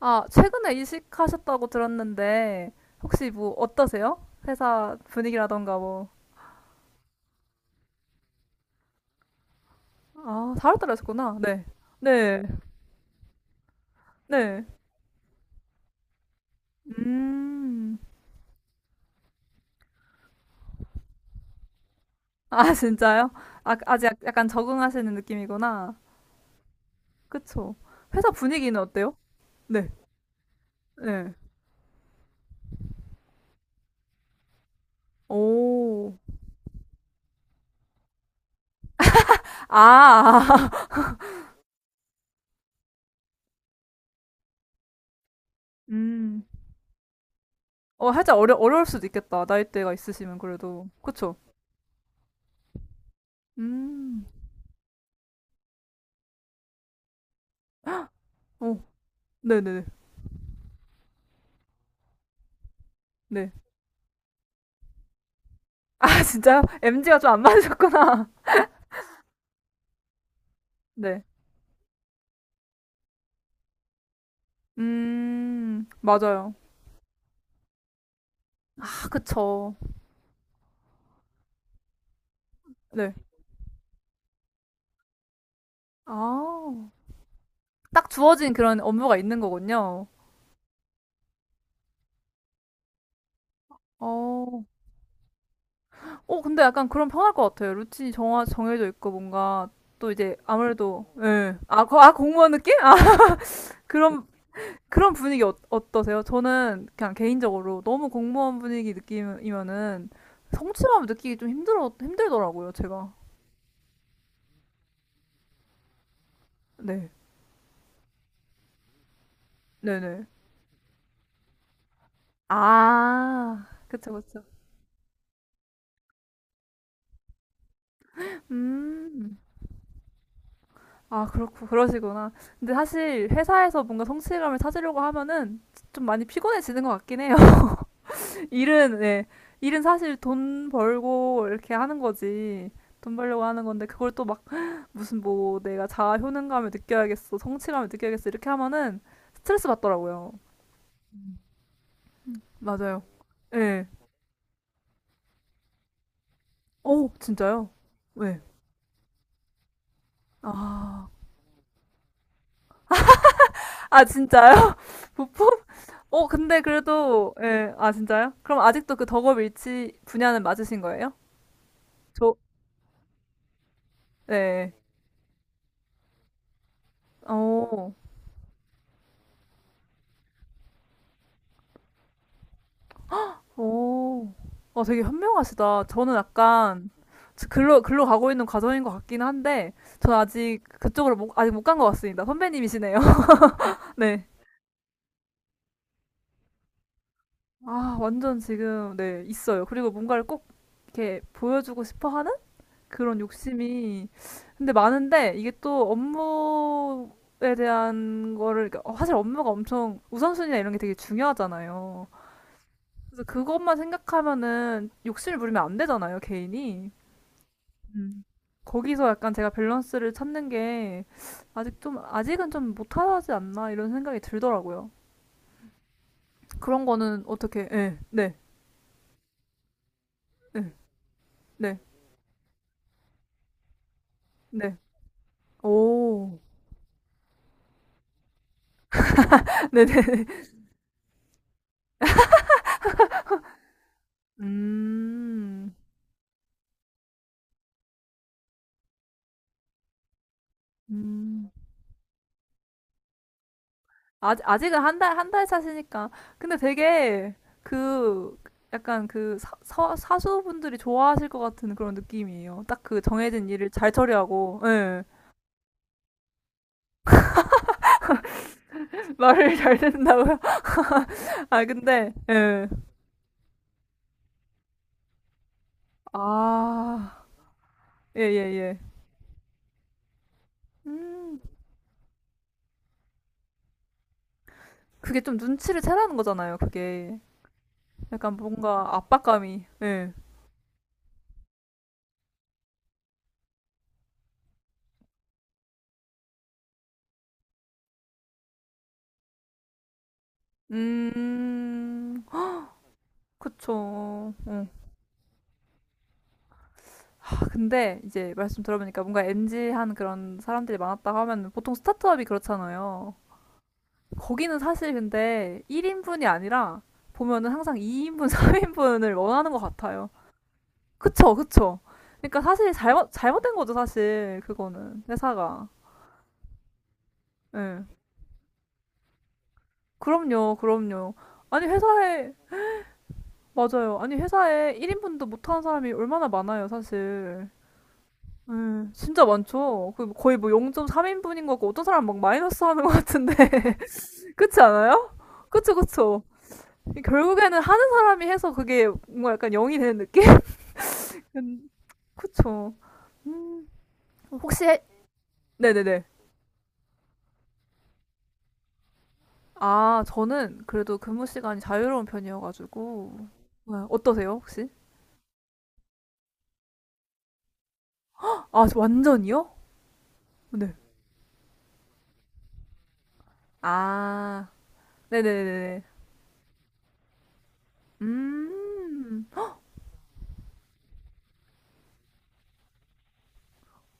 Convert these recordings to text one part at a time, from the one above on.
아, 최근에 이직하셨다고 들었는데, 혹시 뭐 어떠세요? 회사 분위기라던가 뭐. 아, 잘월달에 하셨구나. 네. 네. 네. 음. 아, 진짜요? 아, 아직 약간 적응하시는 느낌이구나. 그쵸. 회사 분위기는 어때요? 네. 네. 오. 아, 음. 어, 어려울 수도 있겠다. 나이대가 있으시면 그래도. 그쵸. 음. 오. 네네네. 네. 네. 네. 아, 진짜요? m 지가 좀 안 맞으셨구나. 네. 맞아요. 아, 그쵸. 네. 아, 딱 주어진 그런 업무가 있는 거군요. 어, 근데 약간 그럼 편할 것 같아요. 정해져 있고 뭔가 또 이제 아무래도, 예. 아, 아, 공무원 느낌? 아, 그런, 그런 분위기 어, 어떠세요? 저는 그냥 개인적으로 너무 공무원 분위기 느낌이면은 성취감을 힘들더라고요, 제가. 네. 네네. 아, 그쵸, 그쵸. 음. 아, 그러시구나. 근데 사실 회사에서 뭔가 성취감을 찾으려고 하면은 좀 많이 피곤해지는 것 같긴 해요. 일은, 네. 일은 사실 돈 벌고 이렇게 하는 거지. 돈 벌려고 하는 건데, 그걸 또 막, 내가 자아 효능감을 느껴야겠어, 성취감을 느껴야겠어, 이렇게 하면은 스트레스 받더라고요. 맞아요. 예. 네. 오, 진짜요? 네. 아. 아, 진짜요? 부품? 어, 근데 그래도, 예, 아, 진짜요? 그럼 아직도 그 덕업 일치 분야는 맞으신 거예요? 저, 네. 오 오. 어, 되게 현명하시다. 저는 약간, 글로 가고 있는 과정인 것 같긴 한데, 전 아직 그쪽으로 못, 아직 못 간 것 같습니다. 선배님이시네요. 네. 아, 완전 지금, 네, 있어요. 그리고 뭔가를 꼭 이렇게 보여주고 싶어 하는? 그런 욕심이 근데 많은데 이게 또 업무에 대한 거를 그러니까 사실 업무가 엄청 우선순위나 이런 게 되게 중요하잖아요. 그래서 그것만 생각하면은 욕심을 부리면 안 되잖아요, 개인이. 음. 거기서 약간 제가 밸런스를 찾는 게 아직은 좀 못하지 않나 이런 생각이 들더라고요. 그런 거는 어떻게? 예, 네, 네, 네, 네. 오, 네, 네. 음, 음. 아직, 아직은 한 달, 한 달 차시니까. 근데 되게 그, 약간 그 사수분들이 좋아하실 것 같은 그런 느낌이에요. 딱 그 정해진 일을 잘 처리하고, 예. 말을 잘 듣는다고요? 아, 근데, 예. 아, 예, 예, 예. 음, 그게 좀 눈치를 채라는 거잖아요, 그게. 약간 뭔가 압박감이, 예. 음, 그쵸. 어. 근데 이제 말씀 들어보니까 뭔가 m 지한 그런 사람들이 많았다고 하면 보통 스타트업이 그렇잖아요. 거기는 사실 근데 1인분이 아니라 보면은 항상 2인분, 3인분을 원하는 것 같아요. 그쵸, 그쵸. 그러니까 사실 잘못된 거죠, 사실. 그거는. 회사가. 예. 그럼요, 그럼요. 아니, 회사에, 맞아요. 아니, 회사에 1인분도 못하는 사람이 얼마나 많아요, 사실. 예, 진짜 많죠. 그 거의 뭐 0.3인분인 거고, 어떤 사람은 막 마이너스 하는 것 같은데. 그렇지 않아요? 그쵸, 그쵸. 결국에는 하는 사람이 해서 그게 뭔가 약간 영이 되는 느낌? 음, 그쵸. 혹시, 해- 네네네. 아, 저는 그래도 근무 시간이 자유로운 편이어가지고. 네, 어떠세요, 혹시? 아, 저 완전이요? 네. 아, 네네네네. 음.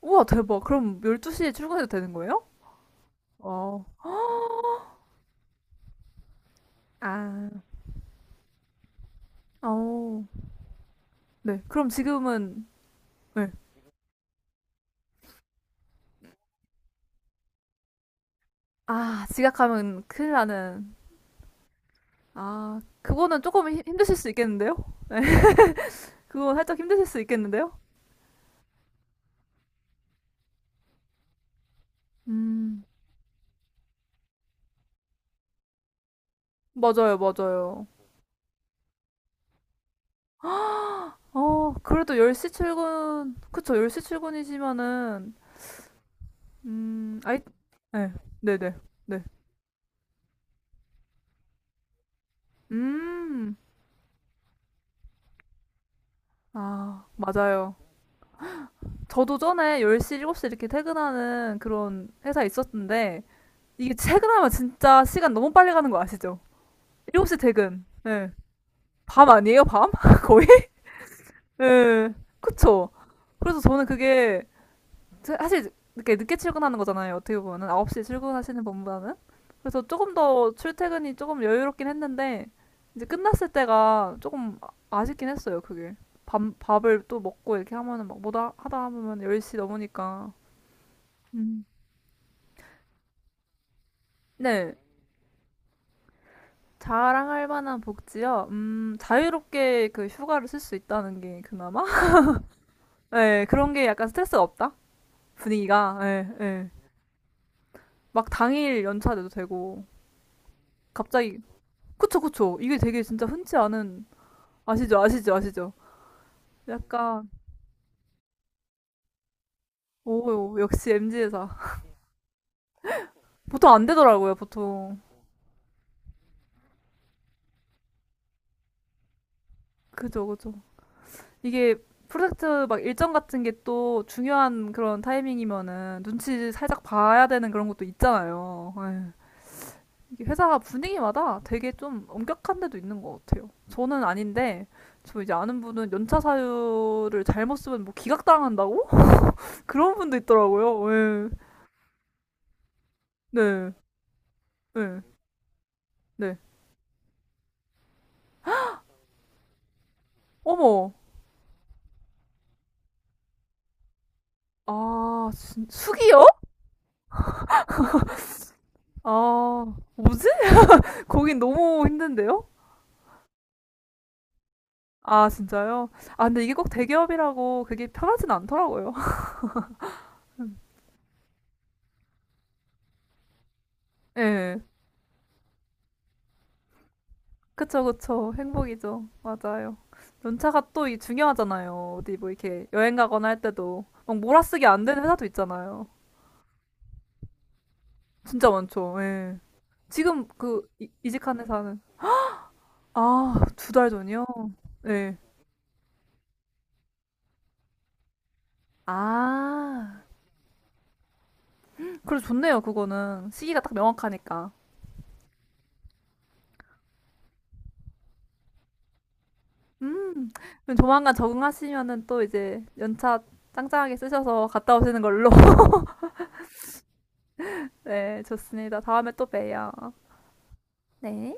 우와, 대박. 그럼 12시에 출근해도 되는 거예요? 어. 아, 어. 네. 그럼 지금은, 네. 아, 지각하면 큰일 나는. 아, 그거는 조금 힘드실 수 있겠는데요? 네, 그거 살짝 힘드실 수 있겠는데요? 음, 맞아요, 맞아요. 어, 그래도 10시 출근, 그쵸, 10시 출근이시면은, 아이, 네, 네네, 네. 네. 음, 아, 맞아요. 저도 전에 10시, 7시 이렇게 퇴근하는 그런 회사 있었는데, 이게 퇴근하면 진짜 시간 너무 빨리 가는 거 아시죠? 7시 퇴근, 네. 밤 아니에요, 밤? 거의? 예, 그쵸. 그래서 저는 그게 사실 이렇게 늦게 출근하는 거잖아요. 어떻게 보면은 9시에 출근하시는 분보다는. 그래서 조금 더 출퇴근이 조금 여유롭긴 했는데 이제 끝났을 때가 아쉽긴 했어요. 그게. 밥을 또 먹고 이렇게 하면은 막 뭐다 하다 보면 10시 넘으니까. 음. 네. 자랑할 만한 복지요. 자유롭게 그 휴가를 쓸 수 있다는 게 그나마? 네, 그런 게 약간 스트레스가 없다? 분위기가. 네, 네. 막 당일 연차돼도 되고 갑자기 그쵸, 그쵸, 이게 되게 진짜 흔치 않은. 아시죠, 아시죠, 아시죠. 약간 오, 역시 MZ 회사. 보통 안 되더라고요, 보통. 그죠, 그죠. 이게 프로젝트 막 일정 같은 게 또 중요한 그런 타이밍이면은 눈치 살짝 봐야 되는 그런 것도 있잖아요. 에휴, 이게 회사 분위기마다 되게 좀 엄격한 데도 있는 것 같아요. 저는 아닌데 저 이제 아는 분은 연차 사유를 잘못 쓰면 뭐 기각당한다고 그런 분도 있더라고요. 예. 네. 네. 네. 어머. 아, 진- 숙이요? 아, 뭐지? 거긴 너무 힘든데요? 아, 진짜요? 아, 근데 이게 꼭 대기업이라고 그게 편하진 않더라고요. 예. 그쵸, 그쵸. 행복이죠. 맞아요. 연차가 또 이 중요하잖아요. 어디 뭐 이렇게 여행 가거나 할 때도 막 몰아쓰기 안 되는 회사도 있잖아요. 진짜 많죠. 예. 이직한 회사는 아, 두 달 전이요? 네. 아, 그래 좋네요, 그거는. 시기가 딱 명확하니까. 음, 그럼 조만간 적응하시면은 또 이제 연차 짱짱하게 쓰셔서 갔다 오시는 걸로. 네, 좋습니다. 다음에 또 봬요. 네.